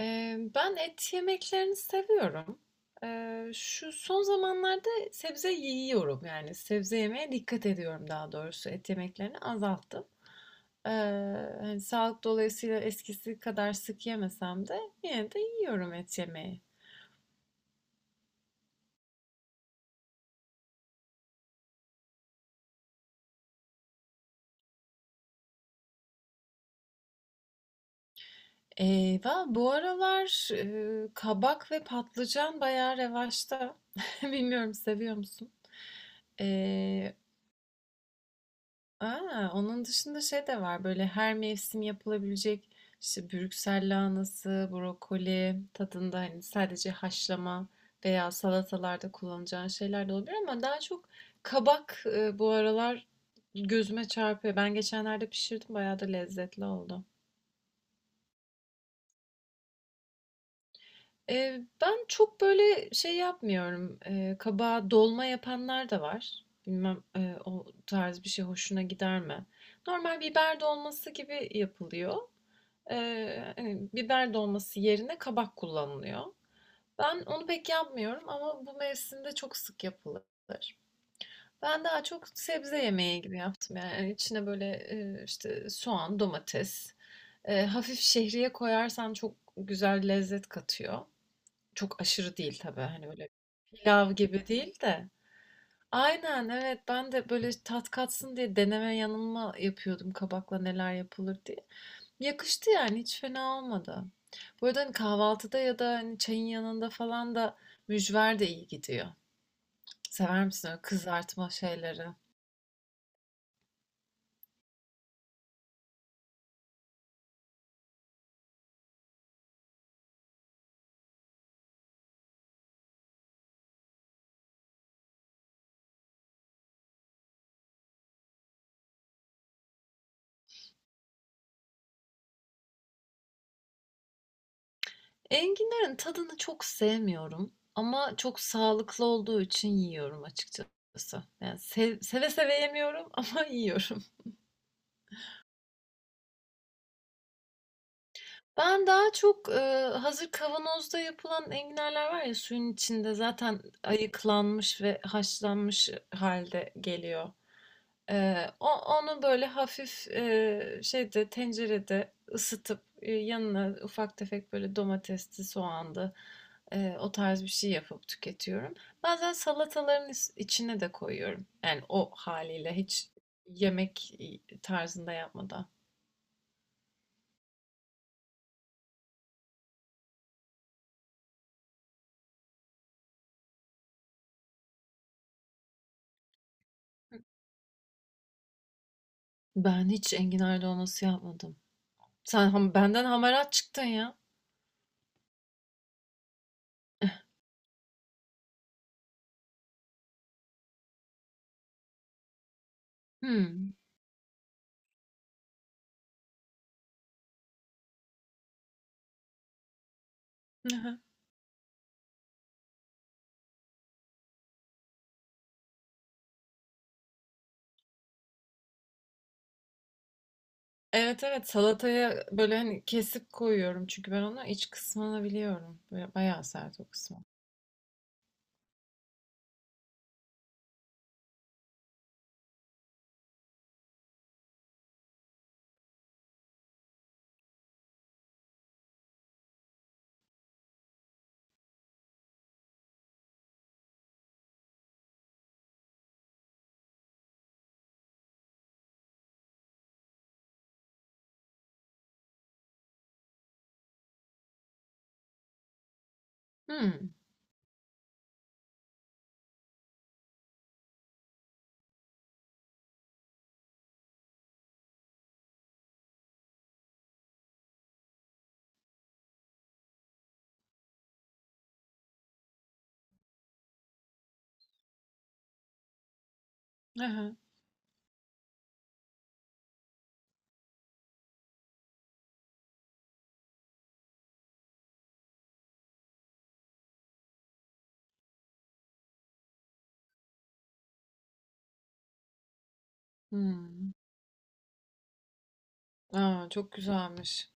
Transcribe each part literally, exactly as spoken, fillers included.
Eee, ben et yemeklerini seviyorum. Eee, şu son zamanlarda sebze yiyorum, yani sebze yemeye dikkat ediyorum daha doğrusu. Et yemeklerini azalttım. Eee, hani sağlık dolayısıyla eskisi kadar sık yemesem de yine de yiyorum et yemeği. Eee, bu aralar eee, kabak ve patlıcan bayağı revaçta. Bilmiyorum, seviyor musun? A! Onun dışında şey de var, böyle, her mevsim yapılabilecek, işte, Brüksel lahanası, brokoli tadında, hani, sadece haşlama veya salatalarda kullanacağın şeyler de olabilir ama daha çok kabak, ııı, bu aralar gözüme çarpıyor. Ben geçenlerde pişirdim, bayağı da lezzetli oldu. Eee, ben çok, böyle, şey yapmıyorum, eee, kabağa dolma yapanlar da var. Bilmem, eee, o tarz bir şey hoşuna gider mi? Normal biber dolması gibi yapılıyor. Eee, hani, biber dolması yerine kabak kullanılıyor. Ben onu pek yapmıyorum ama bu mevsimde çok sık yapılır. Ben daha çok sebze yemeği gibi yaptım yani. Hani, içine böyle, eee, işte soğan, domates, eee, hafif şehriye koyarsan çok güzel lezzet katıyor. Çok aşırı değil tabii, hani, öyle pilav gibi değil de. Aynen, evet, ben de böyle tat katsın diye deneme yanılma yapıyordum kabakla neler yapılır diye. Yakıştı yani, hiç fena olmadı. Bu arada, hani, kahvaltıda ya da hani çayın yanında falan da mücver de iyi gidiyor. Sever misin öyle kızartma şeyleri? Enginlerin tadını çok sevmiyorum ama çok sağlıklı olduğu için yiyorum açıkçası. Yani sev- seve seve yemiyorum ama yiyorum. Ben daha çok e, hazır kavanozda yapılan enginarlar var ya, suyun içinde zaten ayıklanmış ve haşlanmış halde geliyor. Eee, o onu böyle hafif, eee, şeyde, tencerede ısıtıp, eee, yanına ufak tefek böyle domatesli, soğanlı, eee, o tarz bir şey yapıp tüketiyorum. Bazen salataların is içine de koyuyorum. Yani o haliyle hiç yemek, tarzında yapmadan. Ben hiç enginar dolması yapmadım. Sen ham benden hamarat çıktın ya. Hımm. Evet, evet, salataya böyle, hani, kesip koyuyorum çünkü ben onu iç kısmını biliyorum. Böyle bayağı sert o kısmı. Hımm. Aha, hmm, hımm. Çok güzelmiş.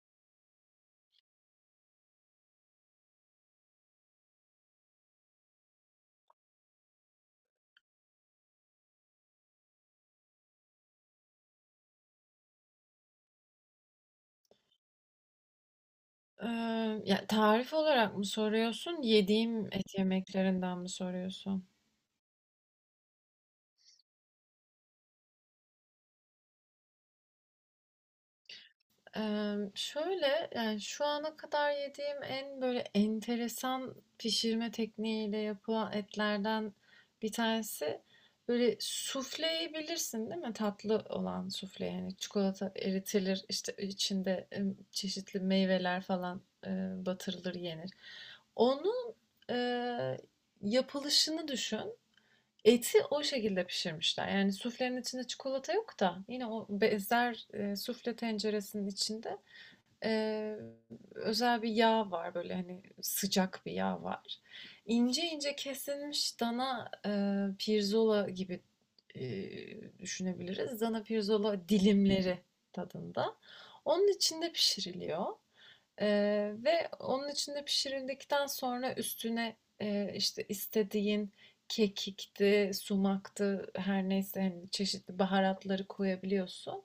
Eee, ya, tarif olarak mı soruyorsun, yediğim et yemeklerinden mi soruyorsun? Emm, şöyle, yani, şu ana kadar yediğim en, böyle, enteresan pişirme tekniğiyle yapılan etlerden bir tanesi, böyle, sufleyi bilirsin değil mi? Tatlı olan sufle, yani, çikolata eritilir, işte, içinde, emm, çeşitli meyveler falan, eee, batırılır, yenir. Onun eee, yapılışını düşün. Eti o şekilde pişirmişler. Yani, suflenin içinde çikolata yok da yine o benzer, eee, sufle tenceresinin içinde. Eee, özel bir yağ var, böyle, hani, sıcak bir yağ var. İnce ince kesilmiş dana, eee, pirzola gibi, eee, düşünebiliriz. Dana pirzola dilimleri tadında. Onun içinde pişiriliyor, eee, ve onun içinde pişirildikten sonra üstüne, eee, işte, istediğin kekikti, sumaktı, her neyse, hani, çeşitli baharatları koyabiliyorsun.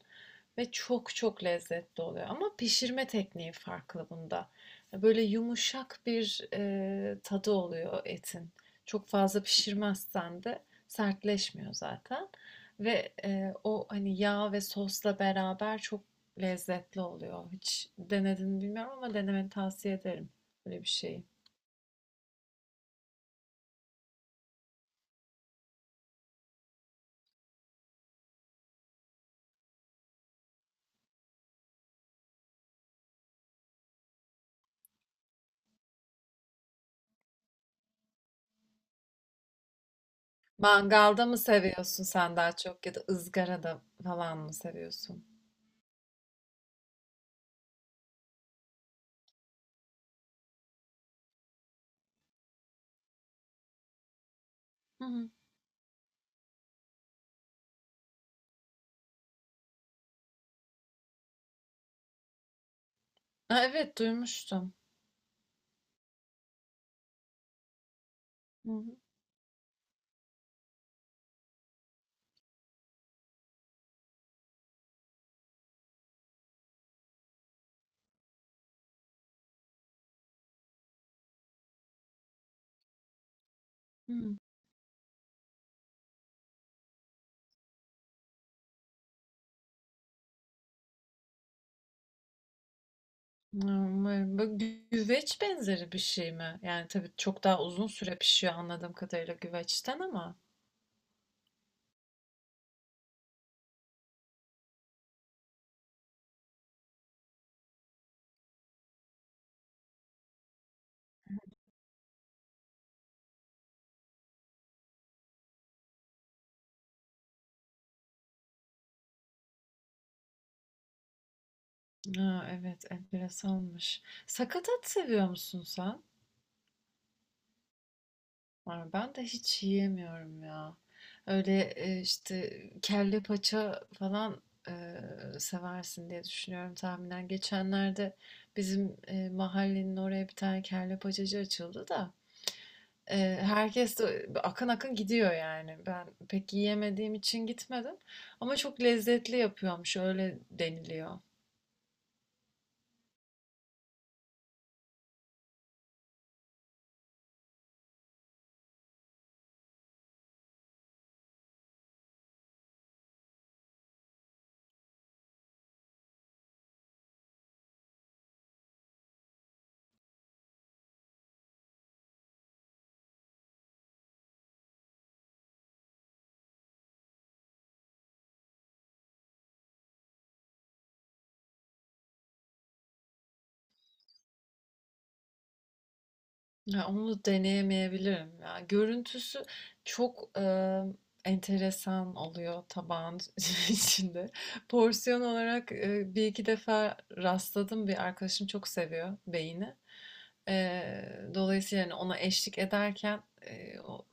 Ve çok çok lezzetli oluyor ama pişirme tekniği farklı bunda. Böyle yumuşak bir eee, tadı oluyor etin. Çok fazla pişirmezsen de sertleşmiyor zaten ve eee, o, hani, yağ ve sosla beraber çok lezzetli oluyor. Hiç denedin mi bilmiyorum ama denemeni tavsiye ederim böyle bir şeyi. Mangalda mı seviyorsun sen daha çok ya da ızgarada falan mı seviyorsun? Hı hı. A, evet, duymuştum. Hı. Hı hı. Umarım. Bu gü- güveç benzeri bir şey mi? Yani tabii çok daha uzun süre pişiyor anladığım kadarıyla güveçten ama. Ha, evet, enteresanmış. Sakatat seviyor musun sen? Aa, ben de hiç yiyemiyorum ya. Öyle e, işte kelle paça falan e, seversin diye düşünüyorum tahminen. Geçenlerde bizim e, mahallenin oraya bir tane kelle paçacı açıldı da. Eee, herkes de akın akın gidiyor yani. Ben pek yiyemediğim için gitmedim ama çok lezzetli yapıyormuş, öyle deniliyor. Ya onu deneyemeyebilirim ya. Görüntüsü çok eee, enteresan oluyor tabağın içinde. Porsiyon olarak eee, bir iki defa rastladım. Bir arkadaşım çok seviyor beyni. Eee, dolayısıyla yani ona eşlik ederken eee, o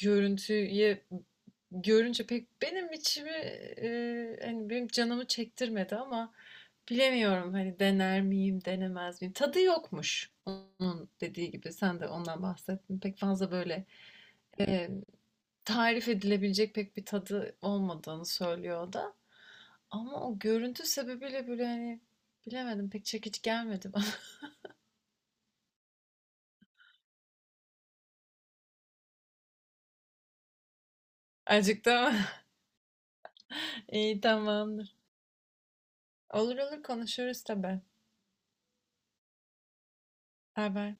görüntüye görünce pek benim içimi, eee, hani, benim canımı çektirmedi ama bilemiyorum, hani, dener miyim, denemez miyim? Tadı yokmuş onun dediği gibi. Sen de ondan bahsettin. Pek fazla böyle, emm, tarif edilebilecek pek bir tadı olmadığını söylüyor o da ama o görüntü sebebiyle böyle, hani, bilemedim, pek çekici gelmedi bana. Acıktım. İyi, tamamdır. Olur olur konuşuruz tabii. Baybay.